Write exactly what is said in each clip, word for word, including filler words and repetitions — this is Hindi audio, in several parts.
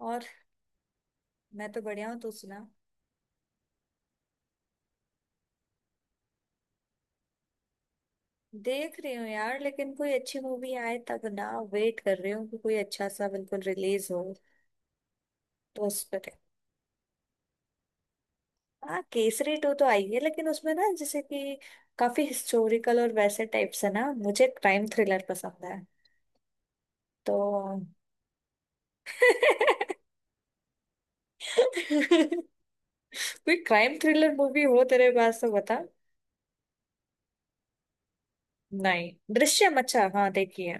और मैं तो बढ़िया हूँ। तू सुना। देख रही हूँ यार लेकिन कोई अच्छी मूवी आए तब ना। वेट कर रही हूँ कि कोई अच्छा सा बिल्कुल रिलीज हो। तो उस पर हाँ, केसरी टू तो आई है लेकिन उसमें ना जैसे कि काफी हिस्टोरिकल और वैसे टाइप से ना, मुझे क्राइम थ्रिलर पसंद है। तो कोई क्राइम थ्रिलर मूवी हो तेरे पास तो बता। नहीं, दृश्यम अच्छा हाँ देखिए।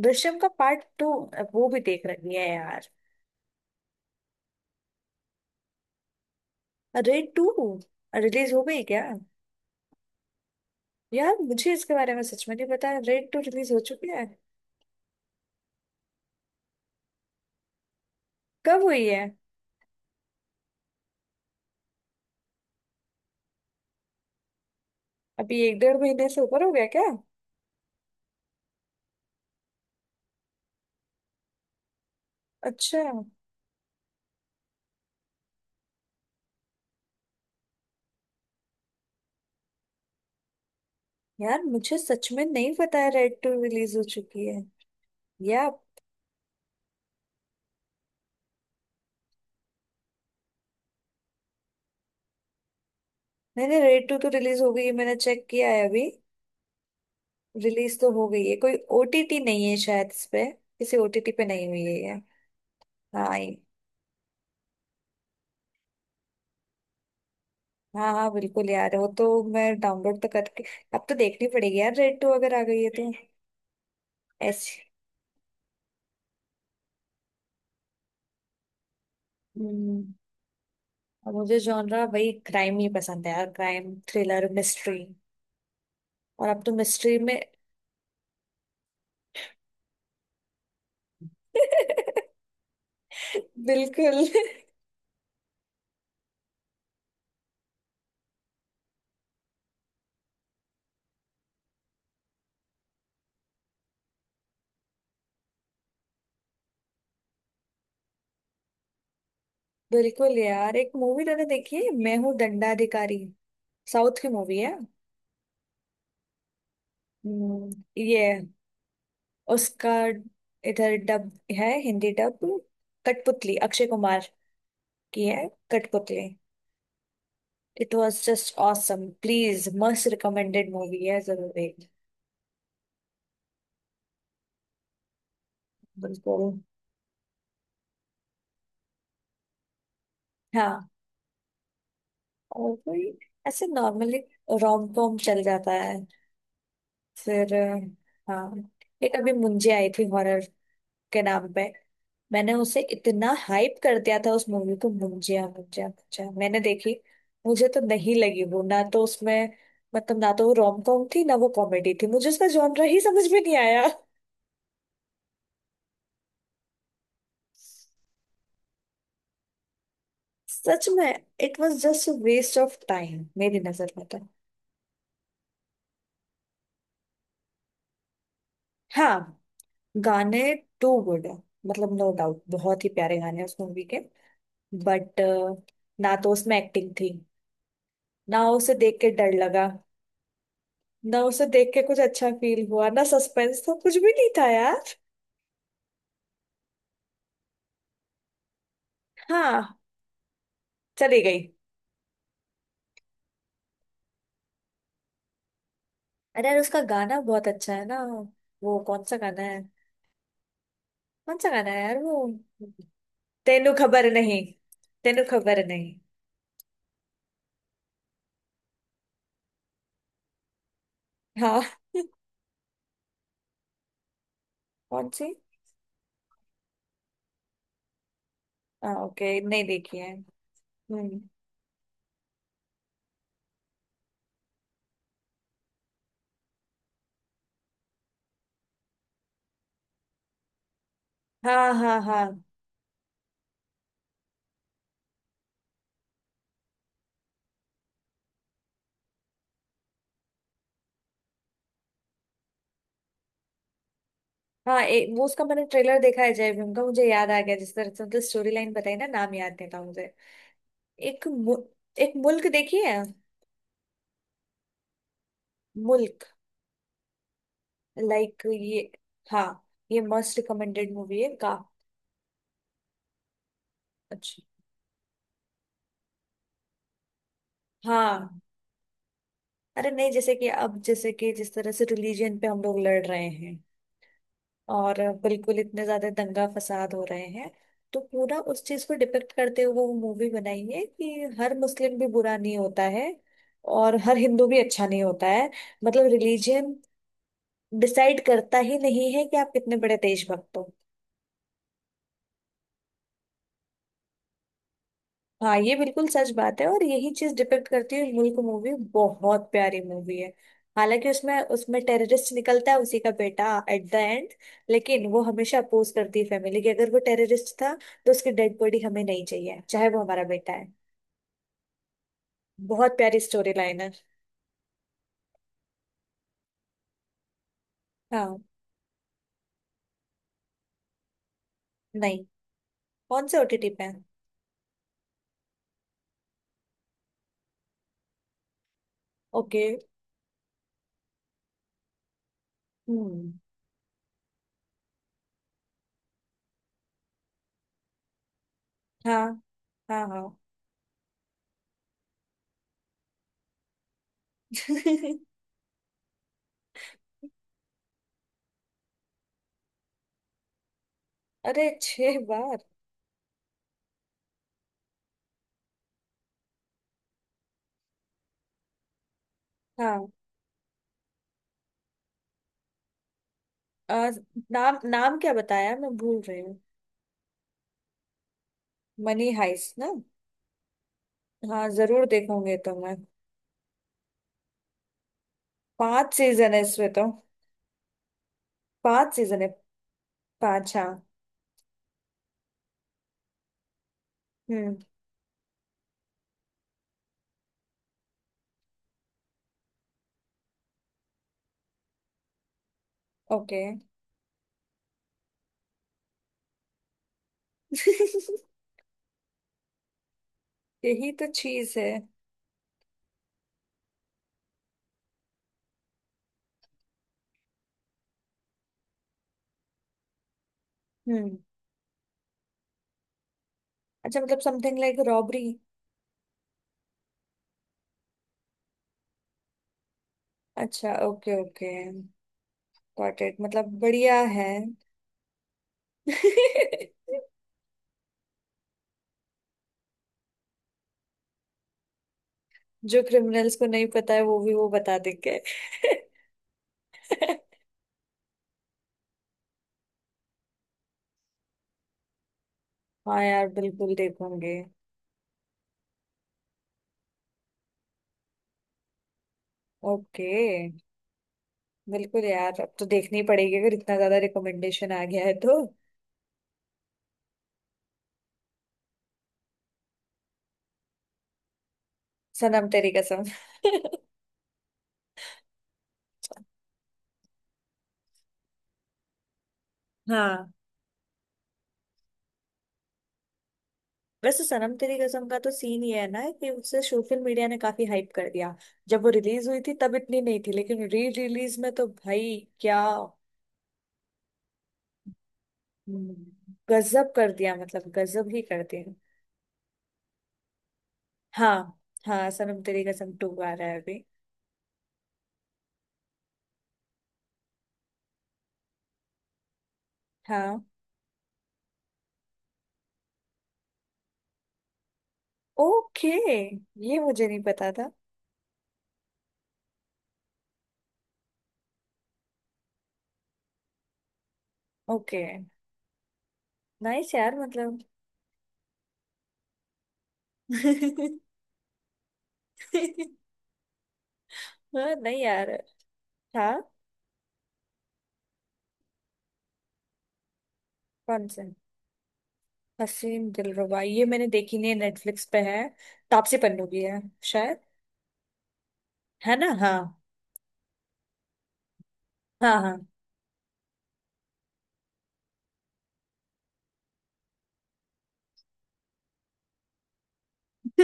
दृश्यम का पार्ट टू वो भी देख रही है यार। अरे टू रिलीज हो गई क्या? यार मुझे इसके बारे में सच में नहीं पता रेड टू रिलीज हो चुकी है। कब हुई है? अभी एक डेढ़ महीने से ऊपर हो गया क्या? अच्छा। यार मुझे सच में नहीं पता है रेड टू रिलीज हो चुकी है या। मैंने रेड टू, तो रिलीज हो गई है मैंने चेक किया है अभी। रिलीज तो हो गई है, कोई ओटीटी नहीं है शायद इस पे। किसी ओटीटी पे नहीं हुई है ये। हाँ ये- हाँ हाँ बिल्कुल यार वो तो। मैं डाउनलोड तो करके अब तो देखनी पड़ेगी यार रेड टू अगर आ गई है तो। ऐसी। हम्म और मुझे जॉनरा वही क्राइम नहीं पसंद है यार। क्राइम थ्रिलर मिस्ट्री और अब तो मिस्ट्री में बिल्कुल। बिल्कुल यार, एक मूवी मैंने देखी है, मैं हूँ दंडाधिकारी। साउथ की मूवी है। हम्म, ये उसका इधर डब है, हिंदी डब। कठपुतली, अक्षय कुमार की है। Kathputli. It was just awesome, please must recommended movie है, जरूर देख। बिल्कुल। हाँ और कोई ऐसे नॉर्मली रोम कॉम चल जाता है। फिर अ, हाँ एक अभी मुंजे आई थी हॉरर के नाम पे। मैंने उसे इतना हाइप कर दिया था उस मूवी को। मुंजिया मुंजिया मुंजिया मैंने देखी। मुझे तो नहीं लगी वो, ना तो उसमें मतलब, ना तो वो रोम कॉम थी ना वो कॉमेडी थी, मुझे उसका जॉनर ही समझ में नहीं आया। सच में it was just waste of time मेरी नजर में तो। हाँ, गाने टू गुड है। मतलब नो डाउट बहुत ही प्यारे गाने हैं उस मूवी के। बट ना तो उसमें एक्टिंग थी, ना उसे देख के डर लगा, ना उसे देख के कुछ अच्छा फील हुआ, ना सस्पेंस था, कुछ भी नहीं था यार। हाँ चली गई। अरे यार उसका गाना बहुत अच्छा है ना। वो कौन सा गाना है? कौन सा गाना है यार वो? तेनू खबर नहीं, तेनू खबर नहीं। हाँ कौन सी? हाँ ओके, नहीं देखी है। हम्म। हाँ हाँ हाँ। हाँ ए, वो उसका मैंने ट्रेलर देखा है जय भीम का, मुझे याद आ गया जिस तरह से उनकी स्टोरी लाइन बताई ना, नाम याद नहीं था मुझे। एक मु, एक मुल्क देखी है। मुल्क। लाइक ये। हाँ ये मोस्ट रिकमेंडेड मूवी है का। अच्छी। हाँ। अरे नहीं जैसे कि अब जैसे कि जिस तरह से रिलीजन पे हम लोग लड़ रहे हैं और बिल्कुल इतने ज्यादा दंगा फसाद हो रहे हैं। तो पूरा उस चीज को डिपेक्ट करते हुए वो मूवी बनाई है कि हर मुस्लिम भी बुरा नहीं होता है और हर हिंदू भी अच्छा नहीं होता है। मतलब रिलीजन डिसाइड करता ही नहीं है कि आप कितने बड़े देशभक्त हो। हाँ ये बिल्कुल सच बात है और यही चीज डिपेक्ट करती है। मुल्क मूवी बहुत प्यारी मूवी है। हालांकि उसमें उसमें टेररिस्ट निकलता है उसी का बेटा एट द एंड, लेकिन वो हमेशा अपोज करती है फैमिली की, अगर वो टेररिस्ट था तो उसकी डेड बॉडी हमें नहीं चाहिए चाहे वो हमारा बेटा है। बहुत प्यारी स्टोरी लाइन है। हाँ। नहीं, कौन से ओटीटी पे है? ओके। हम्म। हाँ हाँ हाँ अरे छह बार? हाँ। अ, नाम, नाम क्या बताया, मैं भूल रही हूँ। मनी हाइस ना। हाँ जरूर देखूंगी तो मैं। पांच सीजन है इसमें तो। पांच सीजन है। पांच हाँ। हम्म। ओके यही तो चीज है। हम्म। अच्छा मतलब समथिंग लाइक रॉबरी। अच्छा ओके ओके। गॉट इट, मतलब बढ़िया है। जो क्रिमिनल्स को नहीं पता है वो भी वो बता देंगे हाँ यार बिल्कुल देखूंगे। ओके। बिल्कुल यार अब तो देखनी पड़ेगी, अगर इतना ज्यादा रिकमेंडेशन आ गया है तो। सनम तेरी कसम हाँ वैसे सनम तेरी कसम का तो सीन ये है ना कि उसे सोशल मीडिया ने काफी हाइप कर दिया। जब वो रिलीज हुई थी तब इतनी नहीं थी लेकिन री रिलीज में तो भाई क्या। हम्म, गजब कर दिया, मतलब गजब ही कर दिया। हाँ हाँ सनम तेरी कसम टू आ रहा है अभी। हाँ ओके, ये मुझे नहीं पता था। ओके नाइस यार मतलब हाँ नहीं यार। हाँ। कौन सा? हसीन दिलरुबा ये मैंने देखी नहीं है, नेटफ्लिक्स पे है। तापसी पन्नू की है शायद। है ना हाँ। हाँ हाँ।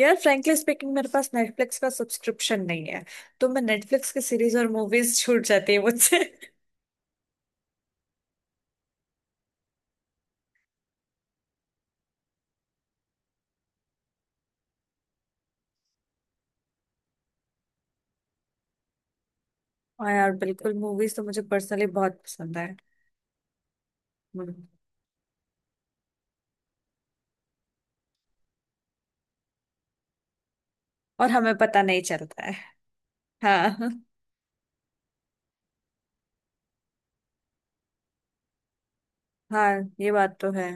यार फ्रैंकली स्पीकिंग मेरे पास नेटफ्लिक्स का सब्सक्रिप्शन नहीं है। तो मैं नेटफ्लिक्स की सीरीज और मूवीज छूट जाती है मुझसे हाँ यार बिल्कुल, मूवीज तो मुझे पर्सनली बहुत पसंद है। हम्म, और हमें पता नहीं चलता है। हाँ हाँ ये बात तो है।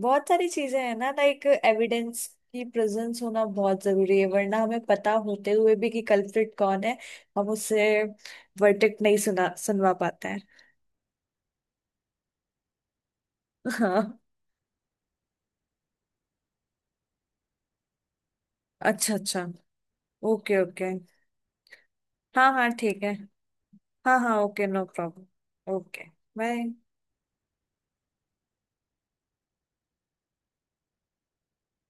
बहुत सारी चीजें हैं ना, लाइक एविडेंस की प्रेजेंस होना बहुत जरूरी है, वरना हमें पता होते हुए भी कि कल्प्रिट कौन है, हम उससे वर्डिक्ट नहीं सुना सुनवा पाते हैं। हाँ। अच्छा अच्छा। Okay okay. हाँ हाँ ठीक है। हाँ हाँ okay no problem okay. Bye.